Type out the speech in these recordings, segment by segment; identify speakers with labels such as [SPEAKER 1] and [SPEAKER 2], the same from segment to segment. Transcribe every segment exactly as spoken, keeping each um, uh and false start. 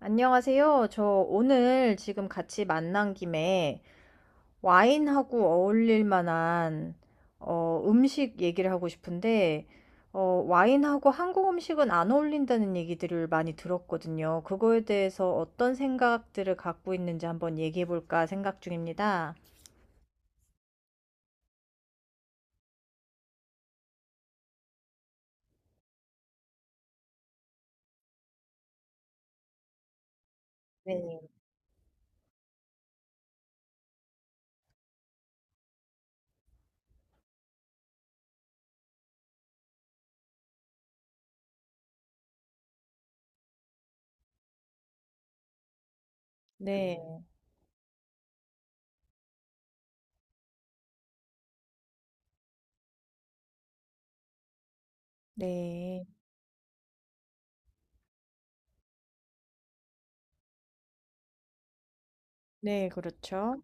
[SPEAKER 1] 안녕하세요. 저 오늘 지금 같이 만난 김에 와인하고 어울릴 만한 어, 음식 얘기를 하고 싶은데 어, 와인하고 한국 음식은 안 어울린다는 얘기들을 많이 들었거든요. 그거에 대해서 어떤 생각들을 갖고 있는지 한번 얘기해 볼까 생각 중입니다. 네. 네. 네. 네, 그렇죠.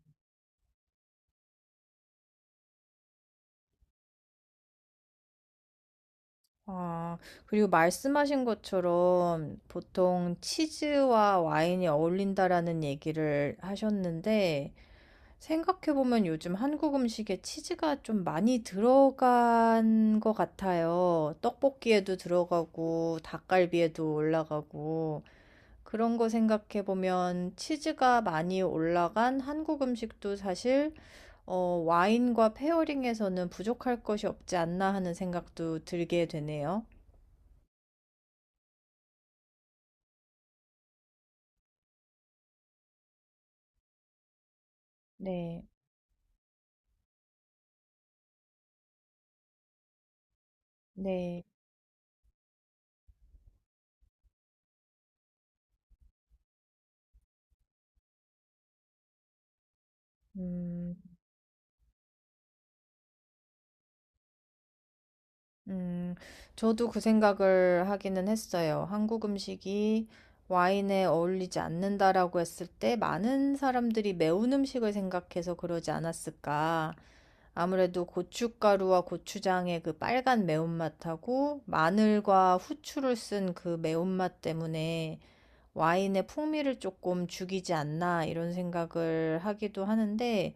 [SPEAKER 1] 아, 그리고 말씀하신 것처럼 보통 치즈와 와인이 어울린다라는 얘기를 하셨는데, 생각해보면 요즘 한국 음식에 치즈가 좀 많이 들어간 것 같아요. 떡볶이에도 들어가고, 닭갈비에도 올라가고, 그런 거 생각해보면 치즈가 많이 올라간 한국 음식도 사실, 어, 와인과 페어링에서는 부족할 것이 없지 않나 하는 생각도 들게 되네요. 네, 네, 음, 음, 저도 그 생각을 하기는 했어요. 한국 음식이 와인에 어울리지 않는다라고 했을 때 많은 사람들이 매운 음식을 생각해서 그러지 않았을까. 아무래도 고춧가루와 고추장의 그 빨간 매운맛하고 마늘과 후추를 쓴 그 매운맛 때문에 와인의 풍미를 조금 죽이지 않나 이런 생각을 하기도 하는데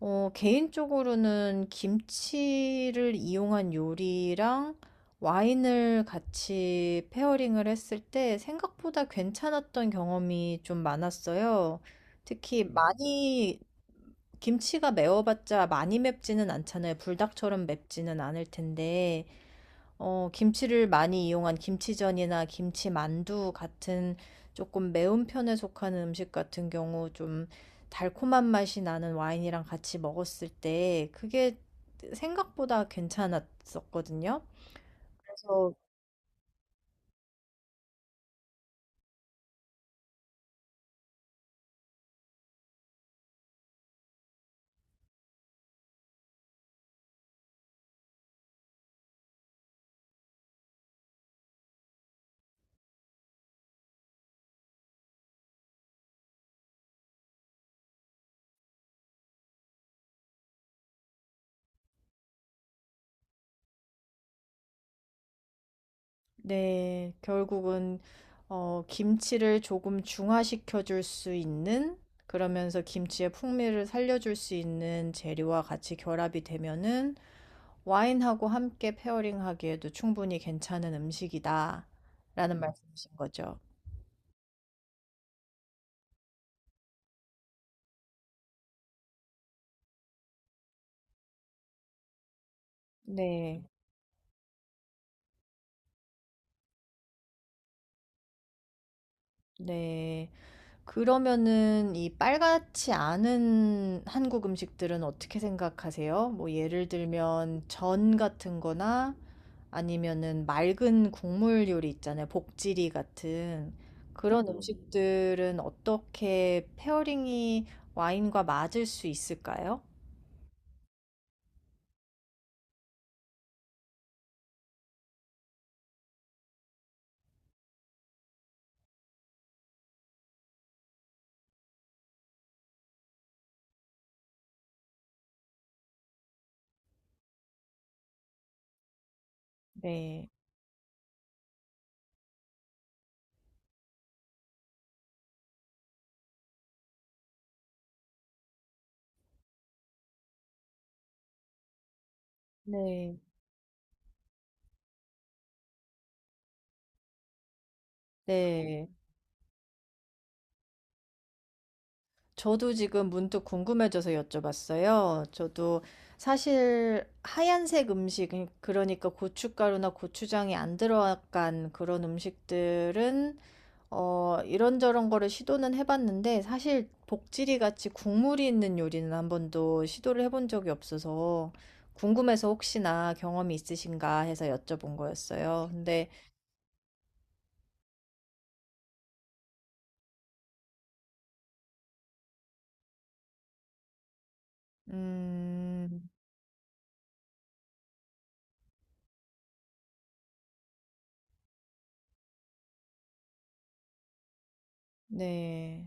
[SPEAKER 1] 어, 개인적으로는 김치를 이용한 요리랑 와인을 같이 페어링을 했을 때 생각보다 괜찮았던 경험이 좀 많았어요. 특히 음, 많이 김치가 매워봤자 많이 맵지는 않잖아요. 불닭처럼 맵지는 않을 텐데 어 김치를 많이 이용한 김치전이나 김치만두 같은 조금 매운 편에 속하는 음식 같은 경우 좀 달콤한 맛이 나는 와인이랑 같이 먹었을 때 그게 생각보다 괜찮았었거든요. 그래서 네. 결국은 어 김치를 조금 중화시켜 줄 수 있는, 그러면서 김치의 풍미를 살려 줄 수 있는 재료와 같이 결합이 되면은 와인하고 함께 페어링하기에도 충분히 괜찮은 음식이다. 라는 음. 말씀이신 거죠. 네. 네. 그러면은 이 빨갛지 않은 한국 음식들은 어떻게 생각하세요? 뭐 예를 들면 전 같은 거나 아니면은 맑은 국물 요리 있잖아요. 복지리 같은 그런 음. 음식들은 어떻게 페어링이 와인과 맞을 수 있을까요? 네. 네. 네. 저도 지금 문득 궁금해져서 여쭤봤어요. 저도 사실 하얀색 음식, 그, 그러니까 고춧가루나 고추장이 안 들어간 그런 음식들은 어, 이런저런 거를 시도는 해봤는데 사실 복지리 같이 국물이 있는 요리는 한 번도 시도를 해본 적이 없어서 궁금해서 혹시나 경험이 있으신가 해서 여쭤본 거였어요. 근데 음, 네.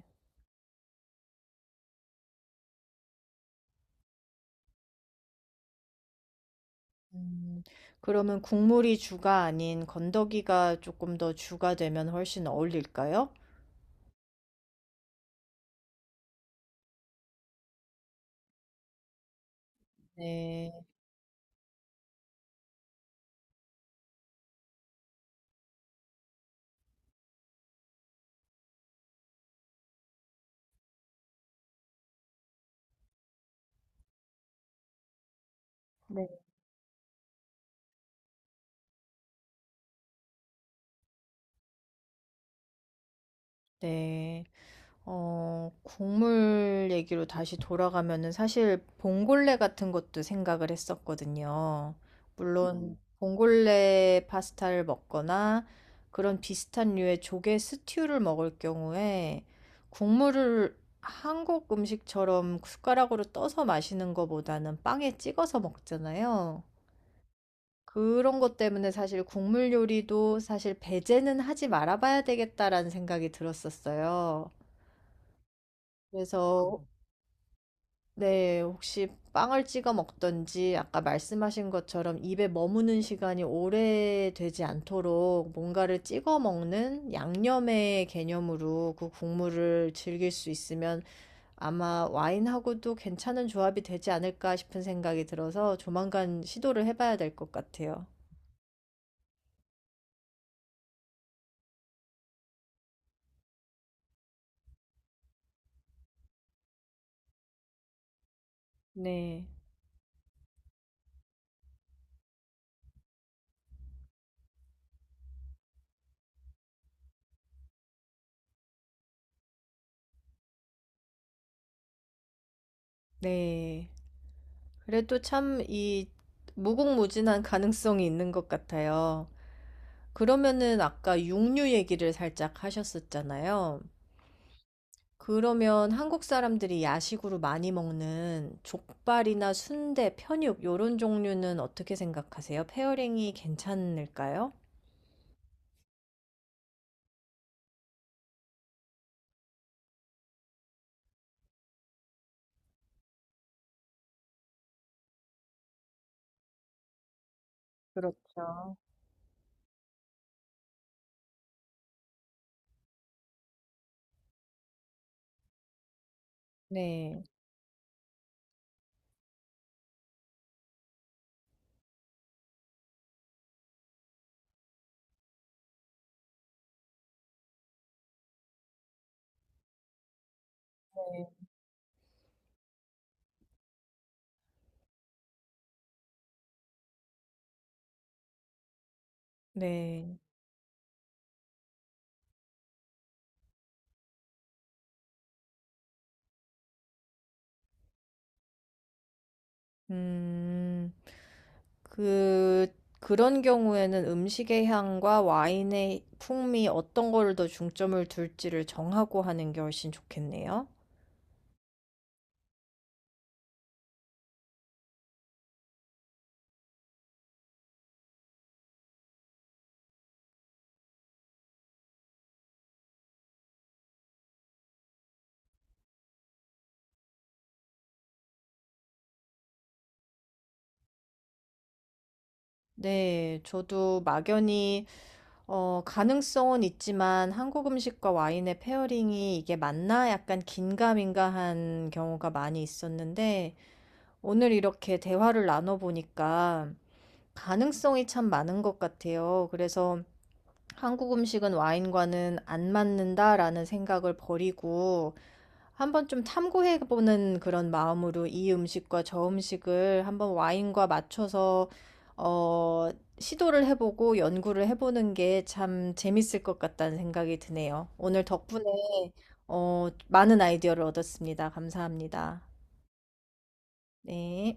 [SPEAKER 1] 음. 그러면 국물이 주가 아닌 건더기가 조금 더 주가 되면 훨씬 어울릴까요? 네. 네. 네. 어 국물 얘기로 다시 돌아가면은 사실 봉골레 같은 것도 생각을 했었거든요. 물론 음. 봉골레 파스타를 먹거나 그런 비슷한 류의 조개 스튜를 먹을 경우에 국물을 한국 음식처럼 숟가락으로 떠서 마시는 것보다는 빵에 찍어서 먹잖아요. 그런 것 때문에 사실 국물 요리도 사실 배제는 하지 말아봐야 되겠다라는 생각이 들었었어요. 그래서 네, 혹시 빵을 찍어 먹던지 아까 말씀하신 것처럼 입에 머무는 시간이 오래 되지 않도록 뭔가를 찍어 먹는 양념의 개념으로 그 국물을 즐길 수 있으면 아마 와인하고도 괜찮은 조합이 되지 않을까 싶은 생각이 들어서 조만간 시도를 해봐야 될 것 같아요. 네, 네. 그래도 참 이 무궁무진한 가능성이 있는 것 같아요. 그러면은 아까 육류 얘기를 살짝 하셨었잖아요. 그러면 한국 사람들이 야식으로 많이 먹는 족발이나 순대, 편육 요런 종류는 어떻게 생각하세요? 페어링이 괜찮을까요? 그렇죠. 네, 네. 음, 그, 그런 경우에는 음식의 향과 와인의 풍미 어떤 거를 더 중점을 둘지를 정하고 하는 게 훨씬 좋겠네요. 네, 저도 막연히 어, 가능성은 있지만 한국 음식과 와인의 페어링이 이게 맞나 약간 긴가민가한 경우가 많이 있었는데 오늘 이렇게 대화를 나눠보니까 가능성이 참 많은 것 같아요. 그래서 한국 음식은 와인과는 안 맞는다라는 생각을 버리고 한번 좀 탐구해 보는 그런 마음으로 이 음식과 저 음식을 한번 와인과 맞춰서 어, 시도를 해보고 연구를 해보는 게 참 재밌을 것 같다는 생각이 드네요. 오늘 덕분에 어, 많은 아이디어를 얻었습니다. 감사합니다. 네.